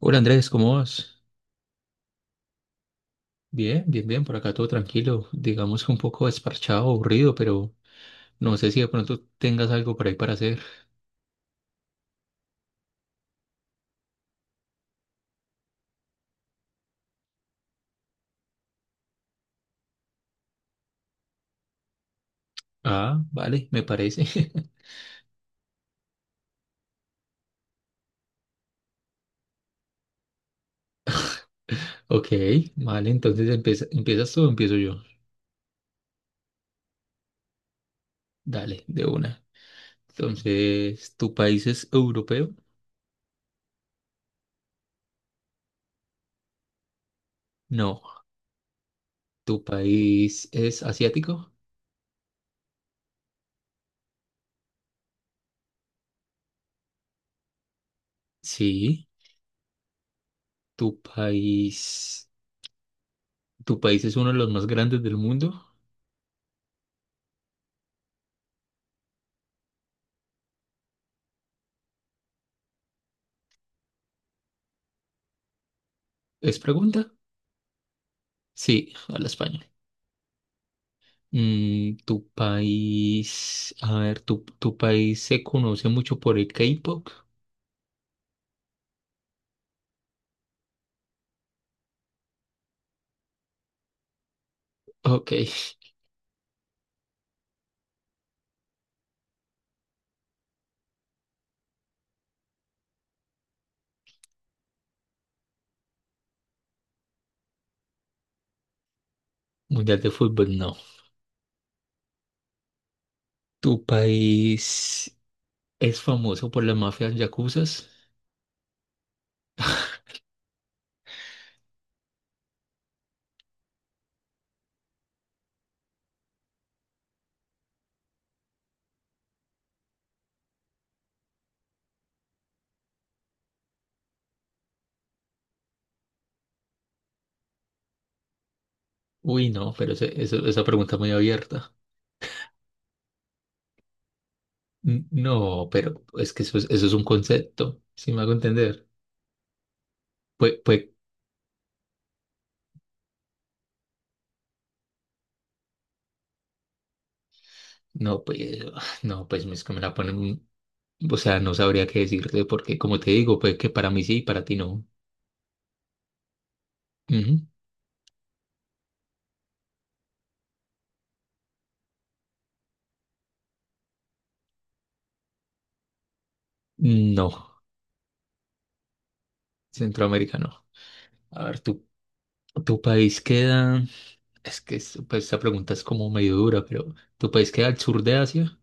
Hola Andrés, ¿cómo vas? Bien, bien, bien, por acá todo tranquilo, digamos que un poco desparchado, aburrido, pero no sé si de pronto tengas algo por ahí para hacer. Ah, vale, me parece. Ok, vale, entonces empieza, ¿empiezas tú o empiezo yo? Dale, de una. Entonces, ¿tu país es europeo? No. ¿Tu país es asiático? Sí. ¿Tu país, tu país es uno de los más grandes del mundo? ¿Es pregunta? Sí, habla español. Tu país, a ver, tu país se conoce mucho por el K-pop. Ok, Mundial de Fútbol, no. ¿Tu país es famoso por las mafias yacuzas? Uy, no, pero esa pregunta muy abierta. No, pero es que eso es un concepto, si me hago entender. Pues, pues, no, pues, no, pues es que me la ponen, o sea, no sabría qué decirte porque, como te digo, pues que para mí sí y para ti no. Ujú. No, Centroamérica no. A ver, tu país queda. Es que pues, esta pregunta es como medio dura, pero ¿tu país queda al sur de Asia?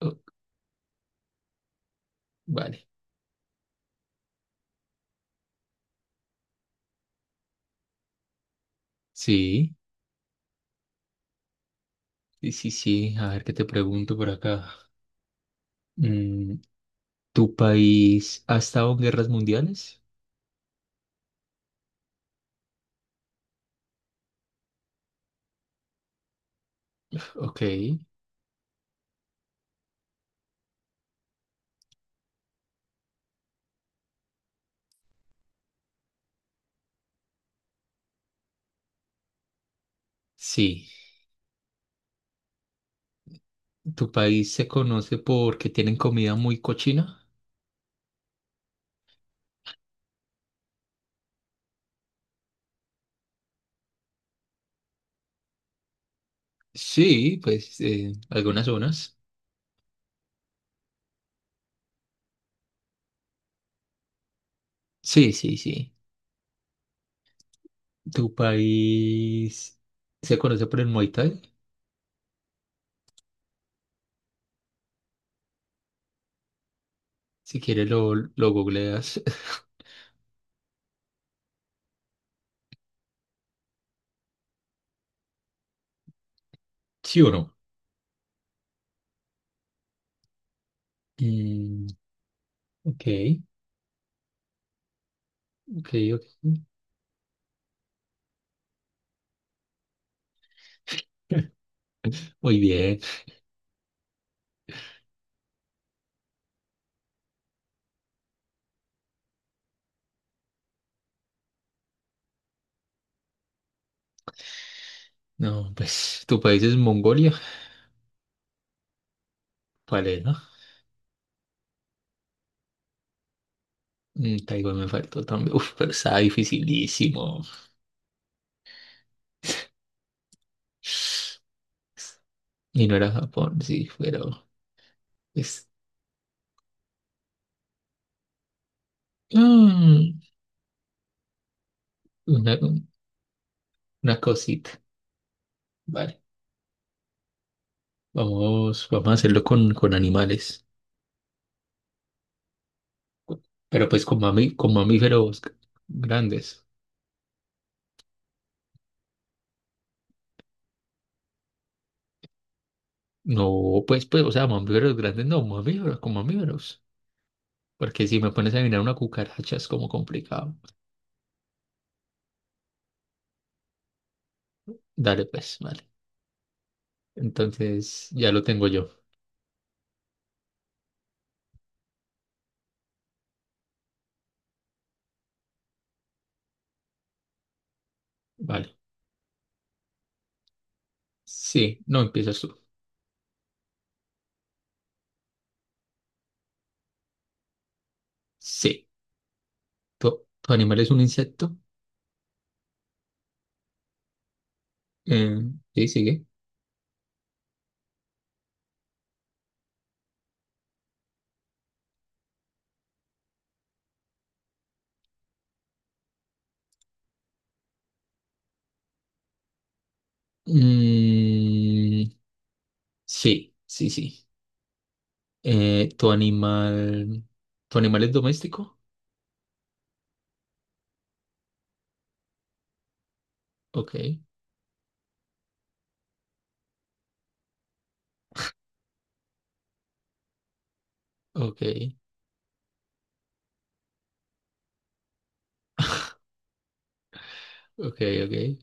Oh, vale. Sí, sí, sí, sí. A ver qué te pregunto por acá. Mm, ¿Tu país ha estado en guerras mundiales? Ok. Sí. ¿Tu país se conoce porque tienen comida muy cochina? Sí, pues algunas zonas. Sí, sí, sí. ¿Tu país se conoce por el Muay Thai? Si quieres lo googleas. ¿Sí o no? Mm, ok, ok, ok. Muy bien. No, pues tu país es Mongolia. ¿Cuál es, no? Mm, Taiwán me faltó también. Uf, pero estaba dificilísimo. Y no era Japón, sí, pero es mm, una, una cosita. Vale, vamos a hacerlo con animales. Pero pues con, con mamíferos grandes. No, o sea, mamíferos grandes, no, mamíferos, con mamíferos. Porque si me pones a adivinar una cucaracha es como complicado. Dale, pues, vale. Entonces, ya lo tengo yo. Vale. Sí, no empiezas tú. Sí. ¿Tu, tu animal es un insecto? Eh, sí, sigue. Mm, sí, sí, sí. Eh, ¿tu animal, ¿tu animal es doméstico? Ok, ok, ok, ok.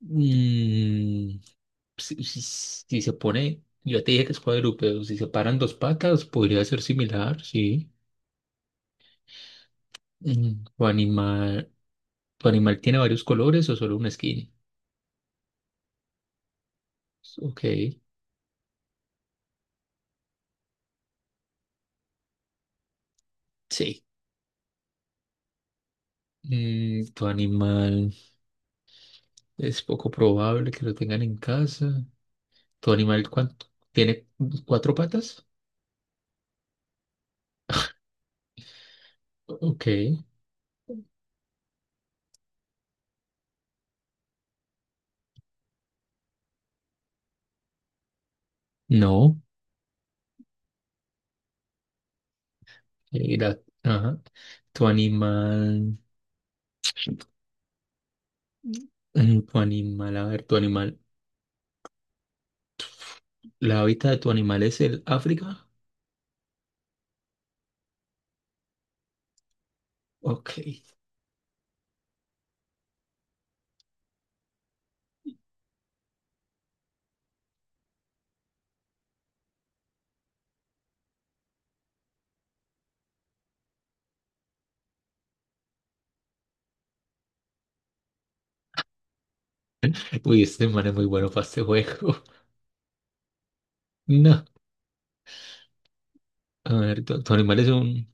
Mm, si, si se pone, yo te dije que es cuadrúpedo, si se paran dos patas, podría ser similar, sí. Mm, ¿tu animal tiene varios colores o solo una skin? Ok, sí. Mm, ¿tu animal es poco probable que lo tengan en casa? ¿Tu animal cuánto? ¿Tiene cuatro patas? Ok, no. Ajá. ¿Tu animal, ¿tu animal, la hábitat de tu animal es el África? Ok. Uy, este man es muy bueno para este juego. No. A ver, tu animal es un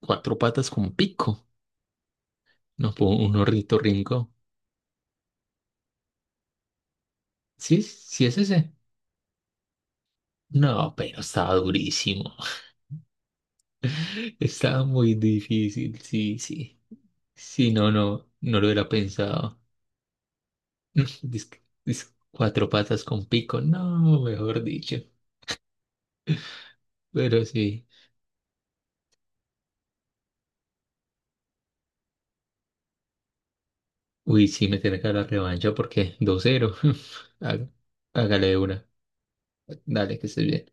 cuatro patas con pico. No, un ornitorrinco. ¿Sí? ¿Sí es ese? No, pero estaba durísimo. Estaba muy difícil, sí, sí. Sí, no, no, no lo hubiera pensado. Dis- cuatro patas con pico, no, mejor dicho. Pero sí. Uy, sí, me tiene que dar la revancha porque 2-0 Há- Hágale una. Dale, que estés bien.